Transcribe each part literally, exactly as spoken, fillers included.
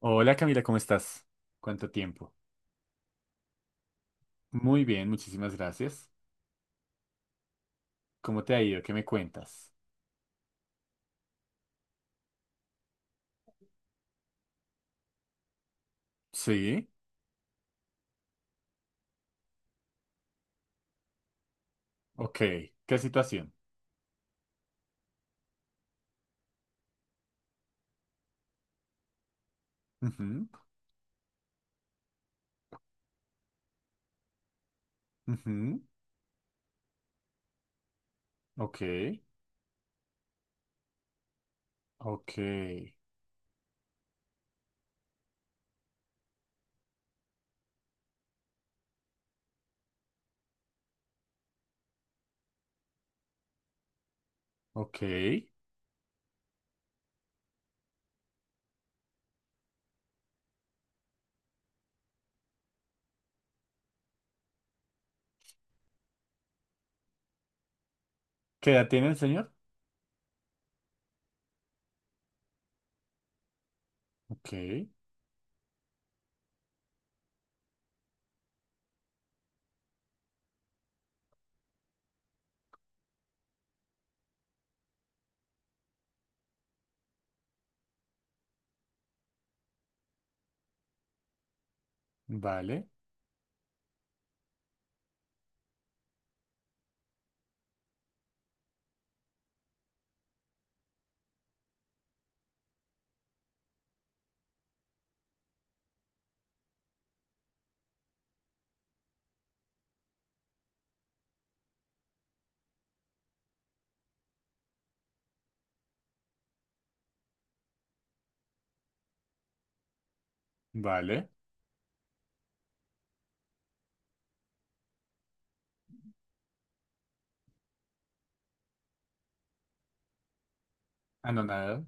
Hola Camila, ¿cómo estás? ¿Cuánto tiempo? Muy bien, muchísimas gracias. ¿Cómo te ha ido? ¿Qué me cuentas? Sí, ok. ¿Qué situación? Ujú, ujú, ok, ok, ok. ¿Qué edad tiene el señor? Ok, vale, vale. Ah, no, nada.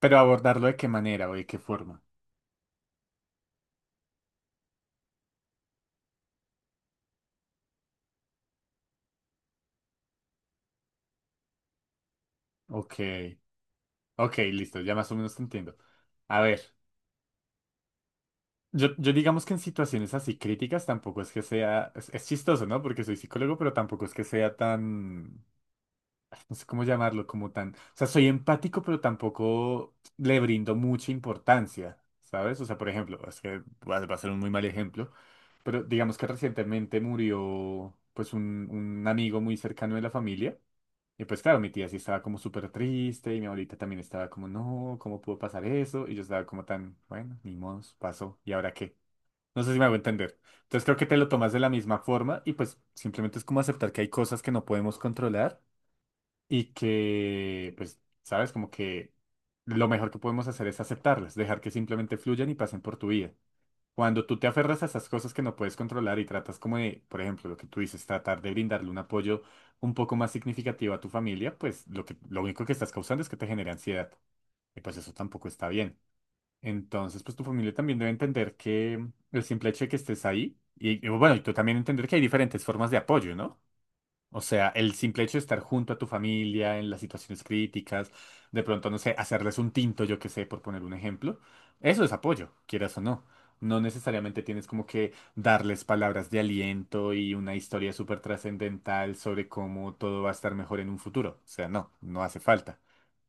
Pero abordarlo de qué manera o de qué forma. Ok, ok, listo, ya más o menos te entiendo. A ver. Yo, yo digamos que en situaciones así críticas tampoco es que sea, es, es chistoso, ¿no? Porque soy psicólogo, pero tampoco es que sea tan, no sé cómo llamarlo, como tan, o sea, soy empático, pero tampoco le brindo mucha importancia, ¿sabes? O sea, por ejemplo, es que va, va a ser un muy mal ejemplo, pero digamos que recientemente murió, pues, un, un amigo muy cercano de la familia. Y pues claro, mi tía sí estaba como súper triste y mi abuelita también estaba como, no, ¿cómo pudo pasar eso? Y yo estaba como tan, bueno, ni modos, pasó, ¿y ahora qué? No sé si me hago entender. Entonces creo que te lo tomas de la misma forma y pues simplemente es como aceptar que hay cosas que no podemos controlar y que, pues, sabes, como que lo mejor que podemos hacer es aceptarlas, dejar que simplemente fluyan y pasen por tu vida. Cuando tú te aferras a esas cosas que no puedes controlar y tratas como de, por ejemplo, lo que tú dices, tratar de brindarle un apoyo un poco más significativo a tu familia, pues lo que, lo único que estás causando es que te genere ansiedad. Y pues eso tampoco está bien. Entonces, pues tu familia también debe entender que el simple hecho de que estés ahí, y, y bueno, y tú también entender que hay diferentes formas de apoyo, ¿no? O sea, el simple hecho de estar junto a tu familia en las situaciones críticas, de pronto, no sé, hacerles un tinto, yo qué sé, por poner un ejemplo, eso es apoyo, quieras o no. No necesariamente tienes como que darles palabras de aliento y una historia súper trascendental sobre cómo todo va a estar mejor en un futuro. O sea, no, no hace falta.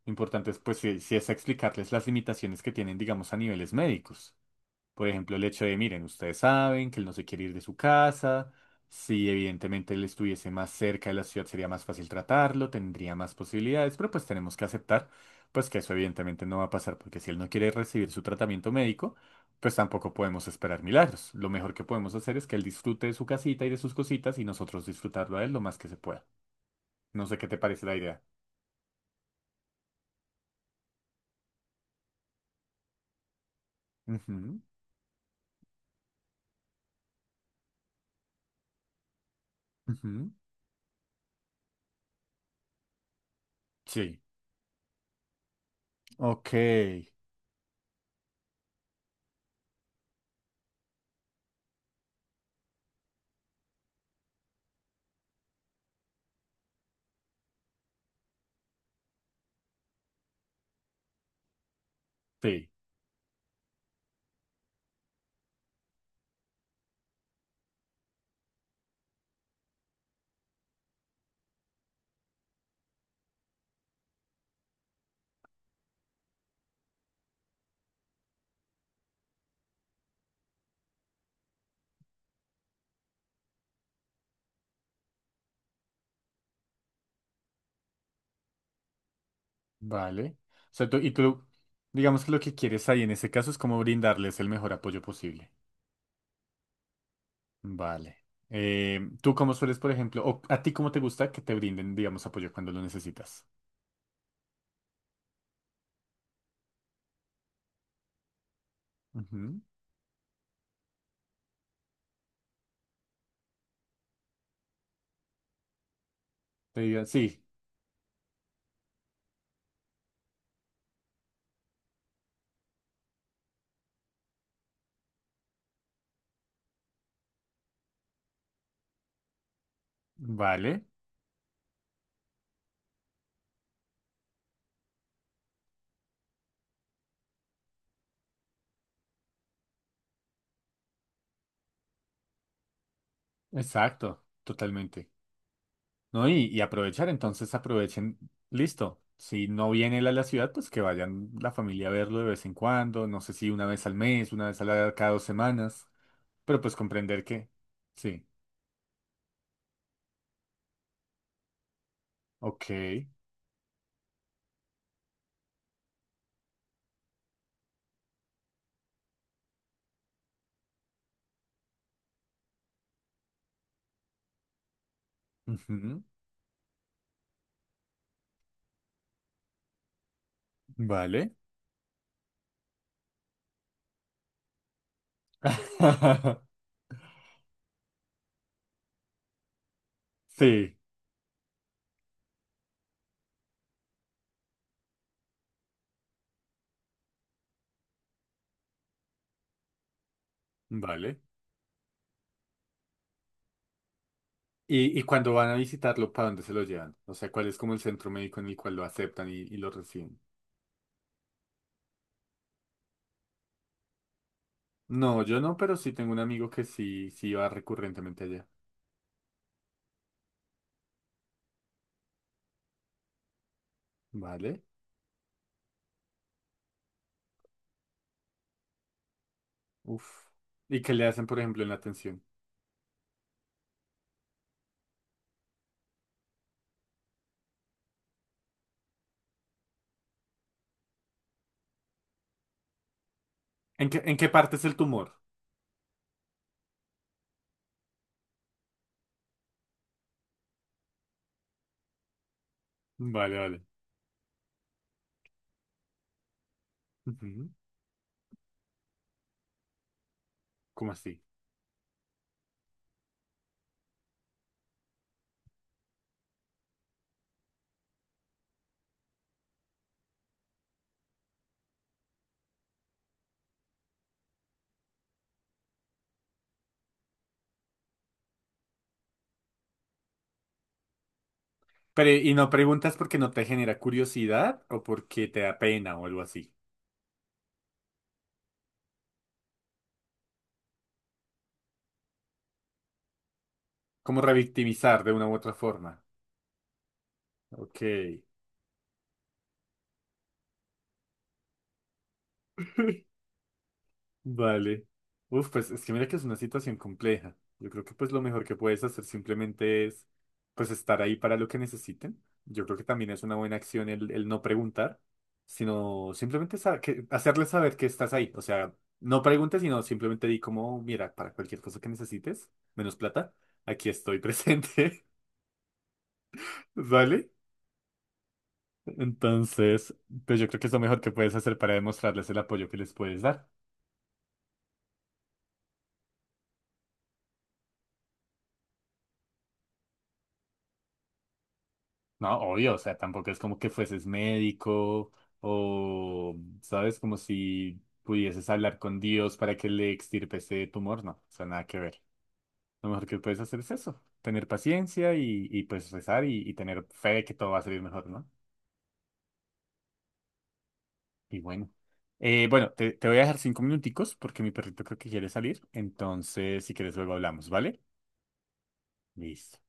Lo importante es, pues, si, si es explicarles las limitaciones que tienen, digamos, a niveles médicos. Por ejemplo, el hecho de, miren, ustedes saben que él no se quiere ir de su casa. Si evidentemente él estuviese más cerca de la ciudad sería más fácil tratarlo, tendría más posibilidades, pero pues tenemos que aceptar pues que eso evidentemente no va a pasar, porque si él no quiere recibir su tratamiento médico, pues tampoco podemos esperar milagros. Lo mejor que podemos hacer es que él disfrute de su casita y de sus cositas y nosotros disfrutarlo a él lo más que se pueda. No sé qué te parece la idea. Ujú, ujú. Sí. Ok. Sí. Vale. O sea, tú, y tú, digamos que lo que quieres ahí en ese caso es como brindarles el mejor apoyo posible. Vale. Eh, ¿tú cómo sueles, por ejemplo, o a ti cómo te gusta que te brinden, digamos, apoyo cuando lo necesitas? Ujú. Te digan, sí, vale, exacto, totalmente. ¿No? Y, y aprovechar, entonces aprovechen, listo. Si no viene él a la ciudad, pues que vayan la familia a verlo de vez en cuando, no sé si una vez al mes, una vez a la, cada dos semanas, pero pues comprender que, sí, ok. Ujú, vale. Sí, vale. ¿Y, y cuando van a visitarlo, para dónde se lo llevan? O sea, ¿cuál es como el centro médico en el cual lo aceptan y, y lo reciben? No, yo no, pero sí tengo un amigo que sí, sí va recurrentemente allá. Vale. Uf. ¿Y qué le hacen, por ejemplo, en la atención? ¿En qué, en qué parte es el tumor? Vale, vale. Ujú, ¿cómo así? Pero, ¿y no preguntas porque no te genera curiosidad o porque te da pena o algo así? Como revictimizar de una u otra forma. Ok. Vale. Uf, pues es que mira que es una situación compleja. Yo creo que pues lo mejor que puedes hacer simplemente es pues estar ahí para lo que necesiten. Yo creo que también es una buena acción el, el no preguntar, sino simplemente sa- que, hacerles saber que estás ahí. O sea, no preguntes, sino simplemente di como, mira, para cualquier cosa que necesites, menos plata, aquí estoy presente. ¿Vale? Entonces, pues yo creo que es lo mejor que puedes hacer para demostrarles el apoyo que les puedes dar. No, obvio, o sea, tampoco es como que fueses médico o, ¿sabes? Como si pudieses hablar con Dios para que le extirpe ese tumor, no, o sea, nada que ver. Lo mejor que puedes hacer es eso, tener paciencia y, y pues rezar y, y tener fe de que todo va a salir mejor, ¿no? Y bueno. Eh, bueno, te, te voy a dejar cinco minuticos porque mi perrito creo que quiere salir, entonces si quieres luego hablamos, ¿vale? Listo.